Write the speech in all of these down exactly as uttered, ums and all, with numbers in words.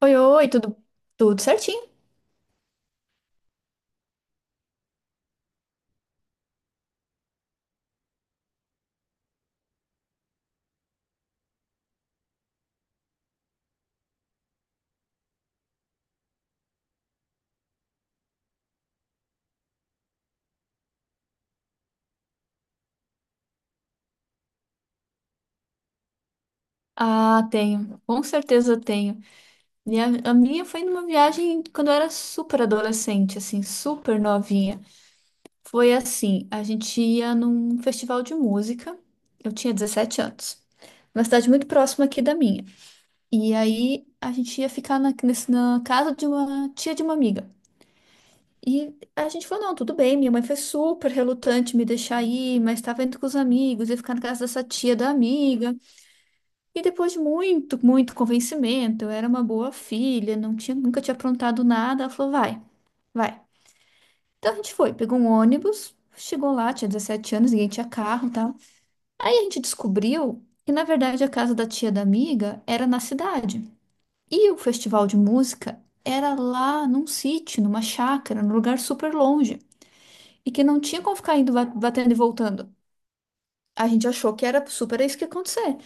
Oi, oi, tudo, tudo certinho? Ah, tenho, com certeza tenho. E a, minha foi numa viagem quando eu era super adolescente, assim, super novinha. Foi assim, a gente ia num festival de música, eu tinha dezessete anos, uma cidade muito próxima aqui da minha. E aí a gente ia ficar na, nesse- na casa de uma tia de uma amiga. E a gente falou, não, tudo bem, minha mãe foi super relutante me deixar ir, mas estava indo com os amigos, ia ficar na casa dessa tia da amiga. E depois de muito, muito convencimento, eu era uma boa filha, não tinha, nunca tinha aprontado nada. Ela falou, vai, vai. Então a gente foi, pegou um ônibus, chegou lá, tinha dezessete anos, ninguém tinha carro e tal. Aí a gente descobriu que, na verdade, a casa da tia da amiga era na cidade. E o festival de música era lá num sítio, numa chácara, num lugar super longe. E que não tinha como ficar indo, ba- batendo e voltando. A gente achou que era super isso que ia acontecer.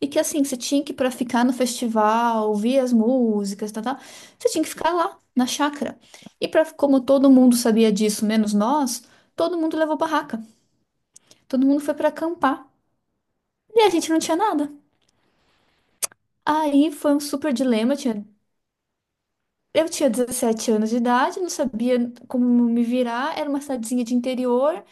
E que assim, você tinha que, para ficar no festival, ouvir as músicas, tal, tal, você tinha que ficar lá, na chácara. E para como todo mundo sabia disso, menos nós, todo mundo levou barraca. Todo mundo foi para acampar. E a gente não tinha nada. Aí foi um super dilema. Tinha... Eu tinha dezessete anos de idade, não sabia como me virar. Era uma cidadezinha de interior,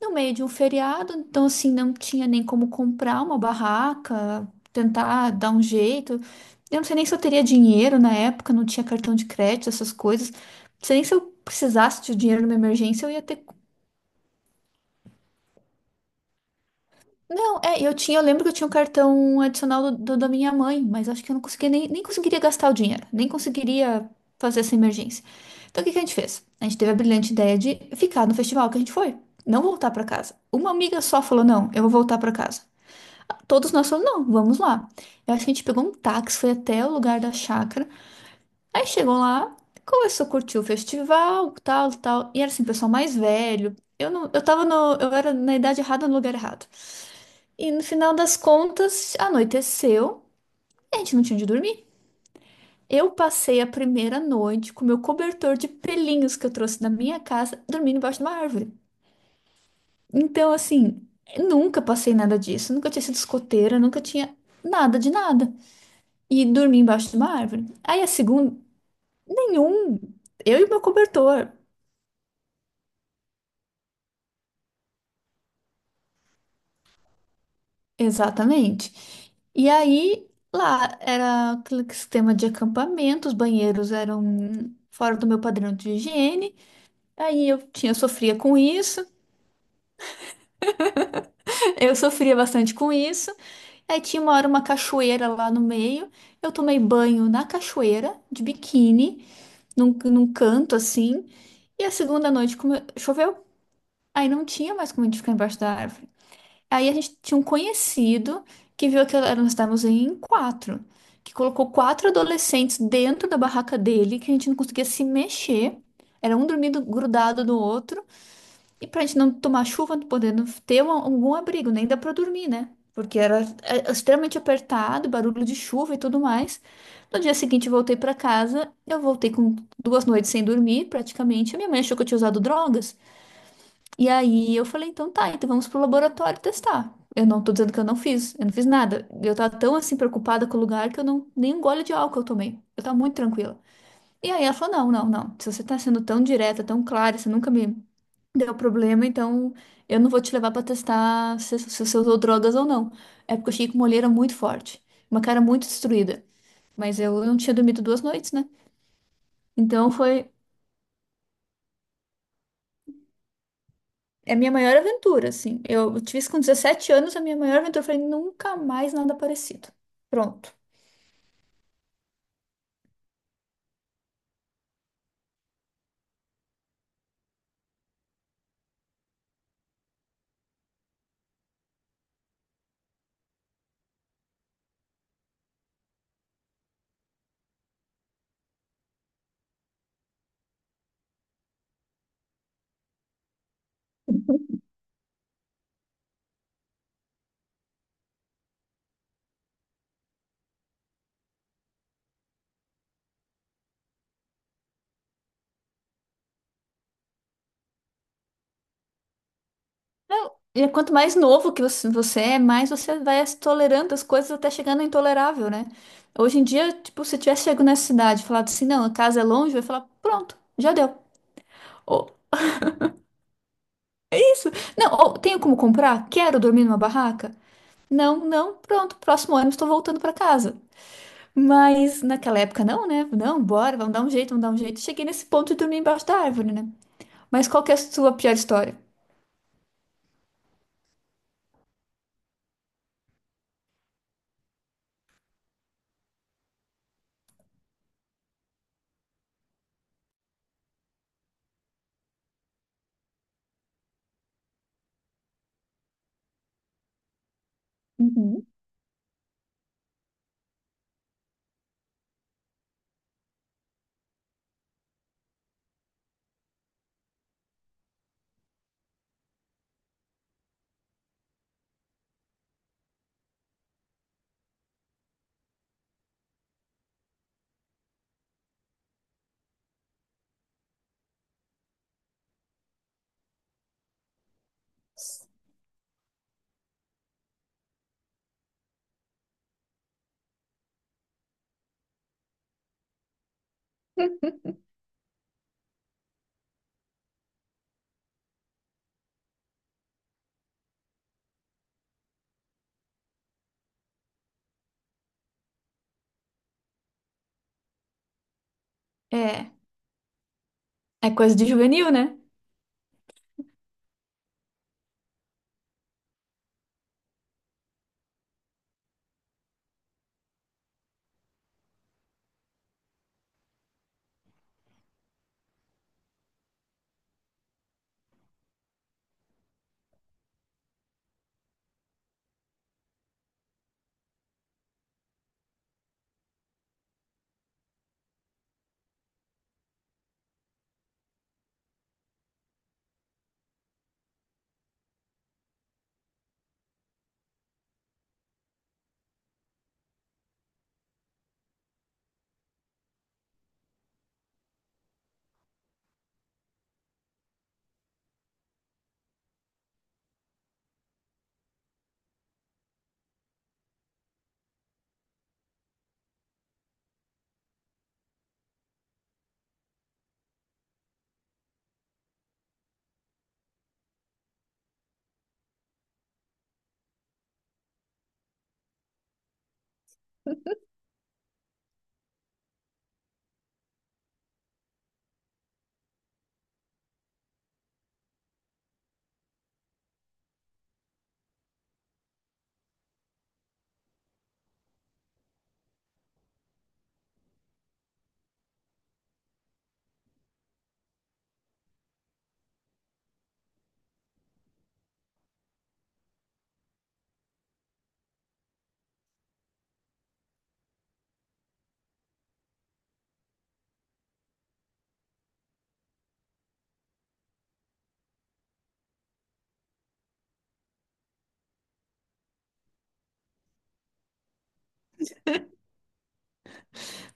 no meio de um feriado, então assim não tinha nem como comprar uma barraca, tentar dar um jeito. Eu não sei nem se eu teria dinheiro na época, não tinha cartão de crédito, essas coisas. Não sei nem se eu precisasse de dinheiro numa emergência, eu ia ter. Não, é, eu tinha, eu lembro que eu tinha um cartão adicional do, do- da minha mãe, mas acho que eu não conseguia nem, nem conseguiria gastar o dinheiro, nem conseguiria fazer essa emergência. Então o que que a gente fez? A gente teve a brilhante ideia de ficar no festival que a gente foi, não voltar para casa. Uma amiga só falou: não, eu vou voltar para casa. Todos nós falamos, não, vamos lá. Eu acho que a gente pegou um táxi, foi até o lugar da chácara. Aí chegou lá, começou a curtir o festival, tal, tal. E era assim, pessoal mais velho. Eu não, eu tava no, eu era na idade errada, no lugar errado. E no final das contas, anoiteceu, e a gente não tinha onde dormir. Eu passei a primeira noite com meu cobertor de pelinhos que eu trouxe da minha casa, dormindo embaixo de uma árvore. Então, assim, nunca passei nada disso, nunca tinha sido escoteira, nunca tinha nada de nada, e dormi embaixo de uma árvore. Aí a segunda, nenhum. Eu e meu cobertor, exatamente. E aí lá era aquele sistema de acampamento, os banheiros eram fora do meu padrão de higiene. Aí eu tinha sofria com isso. Eu sofria bastante com isso. Aí tinha uma hora uma cachoeira lá no meio. Eu tomei banho na cachoeira, de biquíni, num, num canto assim. E a segunda noite come- choveu. Aí não tinha mais como a gente ficar embaixo da árvore. Aí a gente tinha um conhecido que viu que nós estávamos em quatro, que colocou quatro adolescentes dentro da barraca dele, que a gente não conseguia se mexer. Era um dormindo grudado no outro, e pra gente não tomar chuva, não podendo ter um- algum abrigo, nem dá pra dormir, né? Porque era é, é extremamente apertado, barulho de chuva e tudo mais. No dia seguinte, eu voltei pra casa, eu voltei com duas noites sem dormir, praticamente. A minha mãe achou que eu tinha usado drogas. E aí eu falei, então tá, então vamos pro laboratório testar. Eu não tô dizendo que eu não fiz, eu não fiz nada. Eu tava tão assim preocupada com o lugar que eu não nem um gole de álcool eu tomei. Eu tava muito tranquila. E aí ela falou: "Não, não, não. Se você tá sendo tão direta, tão clara, você nunca me deu problema, então eu não vou te levar pra testar se, se você usou drogas ou não". É porque eu cheguei com uma olheira muito forte, uma cara muito destruída, mas eu não tinha dormido duas noites, né? Então foi é a minha maior aventura, assim. Eu tive isso com dezessete anos, a minha maior aventura. Eu falei, nunca mais nada parecido. Pronto. Não, e é quanto mais novo que você você é, mais você vai se tolerando as coisas até chegar no intolerável, né? Hoje em dia, tipo, se eu tivesse chego nessa cidade e falado assim, não, a casa é longe, eu ia falar, pronto, já deu. Ou isso. Não, ou tenho como comprar? Quero dormir numa barraca? Não, não, pronto, próximo ônibus estou voltando para casa. Mas naquela época, não, né? Não, bora, vamos dar um jeito, vamos dar um jeito. Cheguei nesse ponto e dormi embaixo da árvore, né? Mas qual que é a sua pior história? Uhum. É, é coisa de juvenil, né?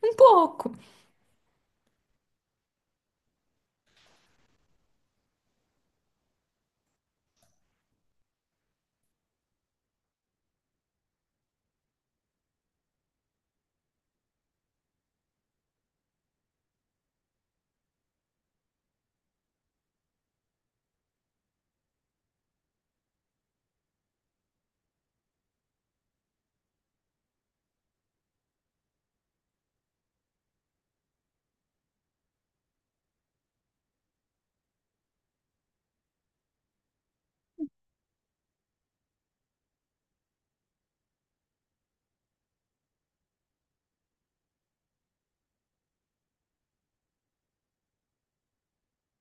Um pouco,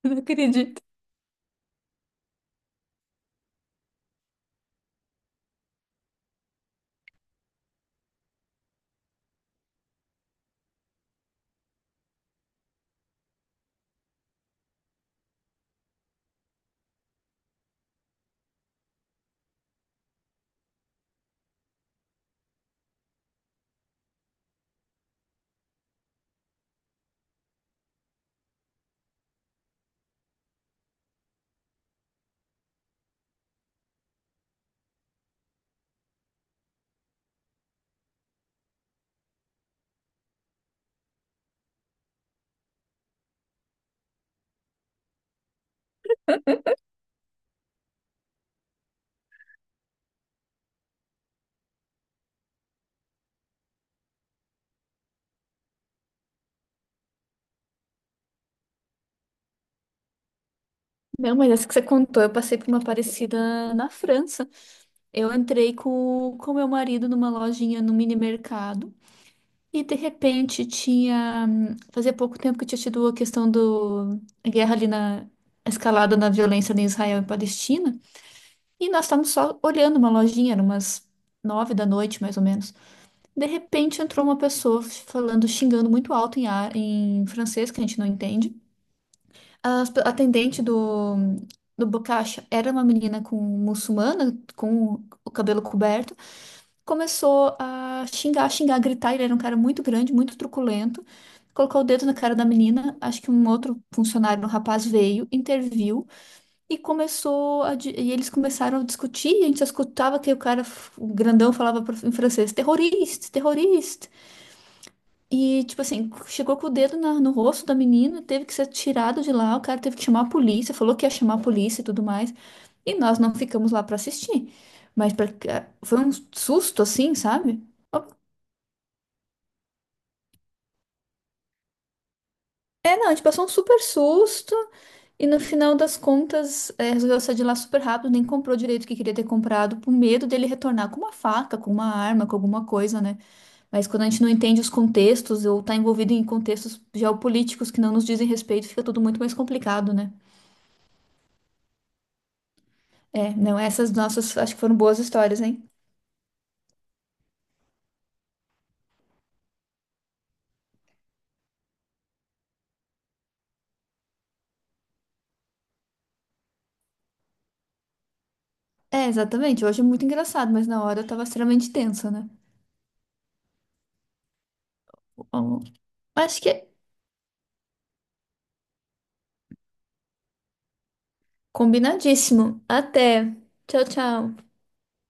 não acredito. Não, mas essa que você contou, eu passei por uma parecida na França. Eu entrei com com meu marido numa lojinha no mini mercado e de repente tinha. hum, Fazia pouco tempo que tinha tido a questão do, a guerra ali na, a escalada na violência ali em Israel e Palestina. E nós estávamos só olhando uma lojinha, eram umas nove da noite, mais ou menos. De repente entrou uma pessoa falando, xingando muito alto em, ar- em francês, que a gente não entende. As pe- A atendente do, do Bocacha era uma menina com muçulmana, com o cabelo coberto. Começou a xingar, xingar, gritar. Ele era um cara muito grande, muito truculento. Colocou o dedo na cara da menina. Acho que um outro funcionário, um rapaz, veio, interviu. E começou a, di- e eles começaram a discutir, e a gente só escutava que o cara f- o grandão falava pro- em francês, terrorista, terrorista. E tipo assim, chegou com o dedo na- no rosto da menina, teve que ser tirado de lá, o cara teve que chamar a polícia, falou que ia chamar a polícia e tudo mais. E nós não ficamos lá pra assistir. Mas pra- é, foi um susto assim, sabe? É, não, a gente passou um super susto. E no final das contas, eh, resolveu sair de lá super rápido, nem comprou direito o que queria ter comprado, por medo dele retornar com uma faca, com uma arma, com alguma coisa, né? Mas quando a gente não entende os contextos ou tá envolvido em contextos geopolíticos que não nos dizem respeito, fica tudo muito mais complicado, né? É, não, essas nossas acho que foram boas histórias, hein? É, exatamente. Hoje é muito engraçado, mas na hora eu tava extremamente tensa, né? Bom, acho que é combinadíssimo. Até. Tchau, tchau.